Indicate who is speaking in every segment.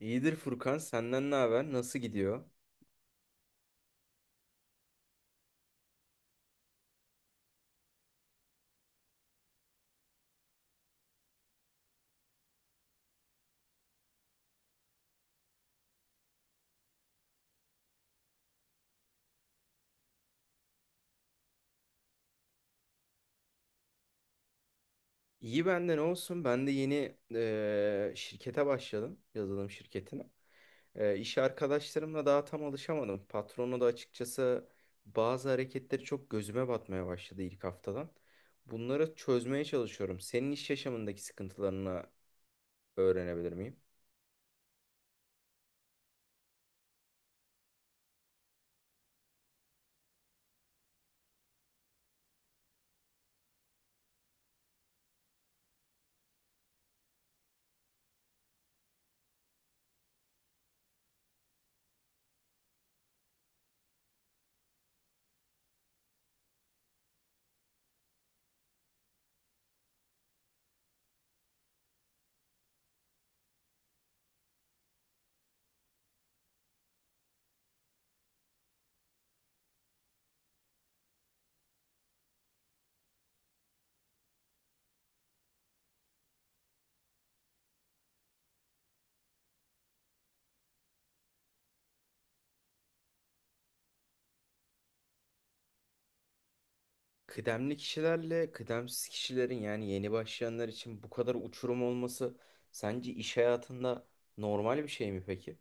Speaker 1: İyidir Furkan, senden ne haber? Nasıl gidiyor? İyi bende ne olsun? Ben de yeni şirkete başladım, yazılım şirketine. İş arkadaşlarımla daha tam alışamadım. Patronu da açıkçası bazı hareketleri çok gözüme batmaya başladı ilk haftadan. Bunları çözmeye çalışıyorum. Senin iş yaşamındaki sıkıntılarını öğrenebilir miyim? Kıdemli kişilerle kıdemsiz kişilerin yani yeni başlayanlar için bu kadar uçurum olması sence iş hayatında normal bir şey mi peki?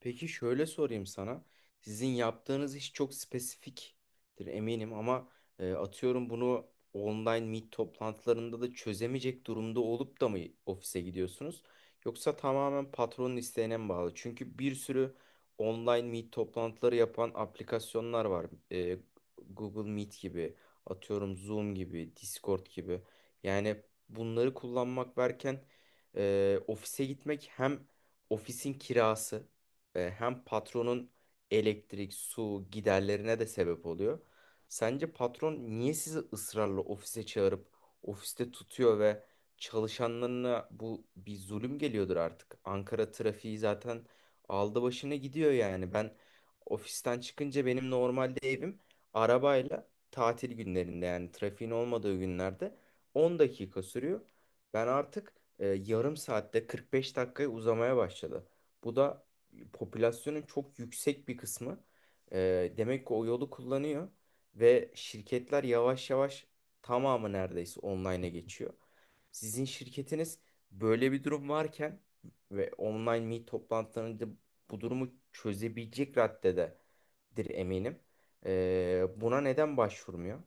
Speaker 1: Peki şöyle sorayım sana. Sizin yaptığınız iş çok spesifiktir eminim ama atıyorum bunu online meet toplantılarında da çözemeyecek durumda olup da mı ofise gidiyorsunuz? Yoksa tamamen patronun isteğine mi bağlı? Çünkü bir sürü online meet toplantıları yapan aplikasyonlar var. E, Google Meet gibi, atıyorum Zoom gibi, Discord gibi. Yani bunları kullanmak varken ofise gitmek hem ofisin kirası, hem patronun elektrik, su giderlerine de sebep oluyor. Sence patron niye sizi ısrarla ofise çağırıp ofiste tutuyor ve çalışanlarına bu bir zulüm geliyordur artık. Ankara trafiği zaten aldı başını gidiyor yani. Ben ofisten çıkınca benim normalde evim arabayla tatil günlerinde yani trafiğin olmadığı günlerde 10 dakika sürüyor. Ben artık yarım saatte 45 dakikaya uzamaya başladı. Bu da popülasyonun çok yüksek bir kısmı, demek ki o yolu kullanıyor ve şirketler yavaş yavaş tamamı neredeyse online'a geçiyor. Sizin şirketiniz böyle bir durum varken ve online meet toplantılarında bu durumu çözebilecek raddededir eminim. Buna neden başvurmuyor?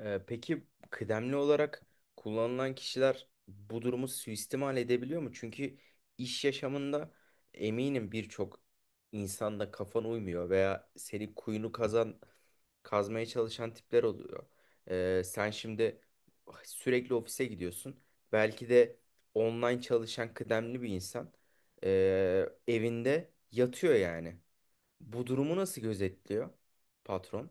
Speaker 1: Peki kıdemli olarak kullanılan kişiler bu durumu suistimal edebiliyor mu? Çünkü iş yaşamında eminim birçok insanda kafan uymuyor veya seni kuyunu kazan kazmaya çalışan tipler oluyor. Sen şimdi sürekli ofise gidiyorsun. Belki de online çalışan kıdemli bir insan evinde yatıyor yani. Bu durumu nasıl gözetliyor patron?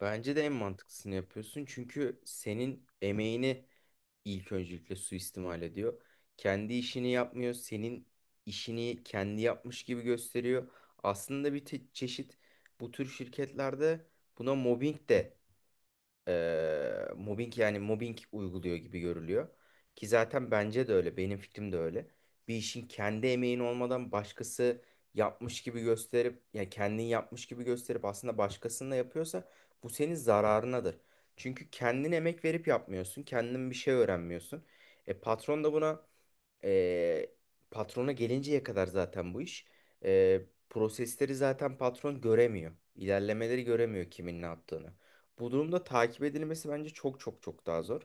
Speaker 1: Bence de en mantıklısını yapıyorsun. Çünkü senin emeğini ilk öncelikle suistimal ediyor. Kendi işini yapmıyor. Senin işini kendi yapmış gibi gösteriyor. Aslında bir çeşit bu tür şirketlerde buna mobbing de mobbing yani mobbing uyguluyor gibi görülüyor. Ki zaten bence de öyle, benim fikrim de öyle. Bir işin kendi emeğin olmadan başkası yapmış gibi gösterip, ya kendin yapmış gibi gösterip aslında başkasının da yapıyorsa bu senin zararınadır. Çünkü kendin emek verip yapmıyorsun, kendin bir şey öğrenmiyorsun. E patron da buna, ee, patrona gelinceye kadar zaten bu iş. Ee, Prosesleri zaten patron göremiyor. İlerlemeleri göremiyor kimin ne yaptığını. Bu durumda takip edilmesi bence çok çok çok daha zor.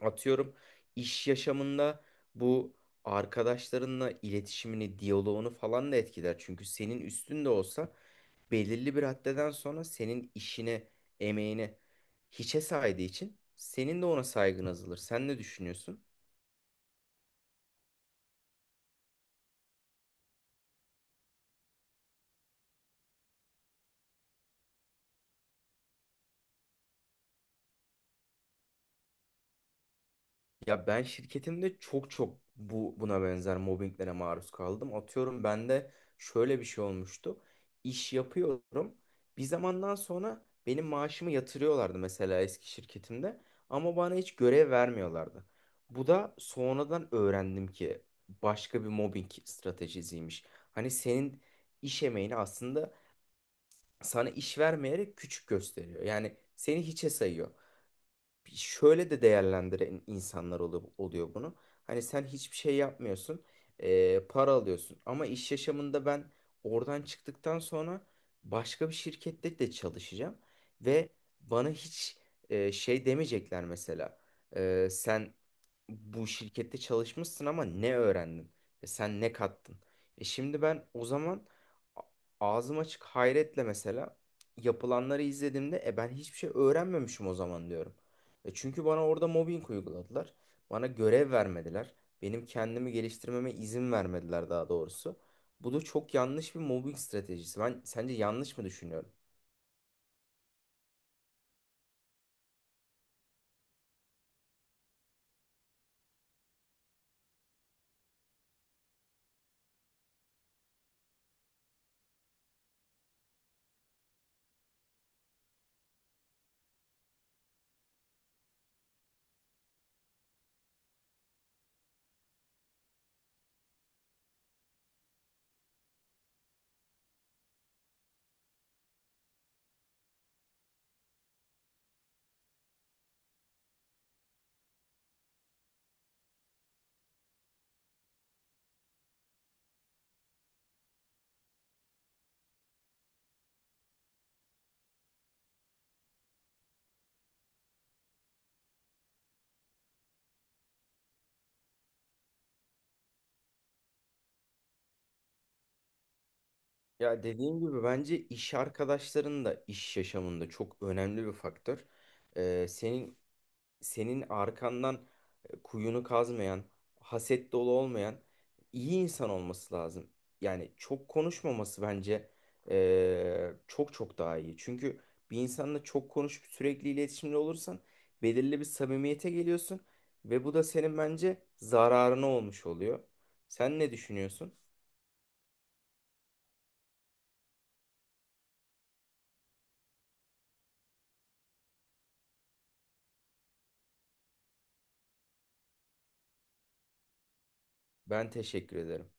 Speaker 1: Atıyorum iş yaşamında bu arkadaşlarınla iletişimini, diyaloğunu falan da etkiler. Çünkü senin üstünde olsa belirli bir haddeden sonra senin işine, emeğine hiçe saydığı için senin de ona saygın azalır. Sen ne düşünüyorsun? Ya ben şirketimde çok çok bu buna benzer mobbinglere maruz kaldım. Atıyorum bende şöyle bir şey olmuştu. İş yapıyorum. Bir zamandan sonra benim maaşımı yatırıyorlardı mesela eski şirketimde ama bana hiç görev vermiyorlardı. Bu da sonradan öğrendim ki başka bir mobbing stratejisiymiş. Hani senin iş emeğini aslında sana iş vermeyerek küçük gösteriyor. Yani seni hiçe sayıyor, şöyle de değerlendiren insanlar oluyor, oluyor bunu. Hani sen hiçbir şey yapmıyorsun, para alıyorsun. Ama iş yaşamında ben oradan çıktıktan sonra başka bir şirkette de çalışacağım ve bana hiç şey demeyecekler mesela. Sen bu şirkette çalışmışsın ama ne öğrendin? Sen ne kattın? E şimdi ben o zaman a- ağzım açık hayretle mesela yapılanları izlediğimde e ben hiçbir şey öğrenmemişim o zaman diyorum. E çünkü bana orada mobbing uyguladılar. Bana görev vermediler. Benim kendimi geliştirmeme izin vermediler daha doğrusu. Bu da çok yanlış bir mobbing stratejisi. Ben sence yanlış mı düşünüyorum? Ya dediğim gibi bence iş arkadaşların da iş yaşamında çok önemli bir faktör. Ee, senin senin arkandan kuyunu kazmayan, haset dolu olmayan iyi insan olması lazım. Yani çok konuşmaması bence çok çok daha iyi. Çünkü bir insanla çok konuşup sürekli iletişimde olursan belirli bir samimiyete geliyorsun ve bu da senin bence zararına olmuş oluyor. Sen ne düşünüyorsun? Ben teşekkür ederim.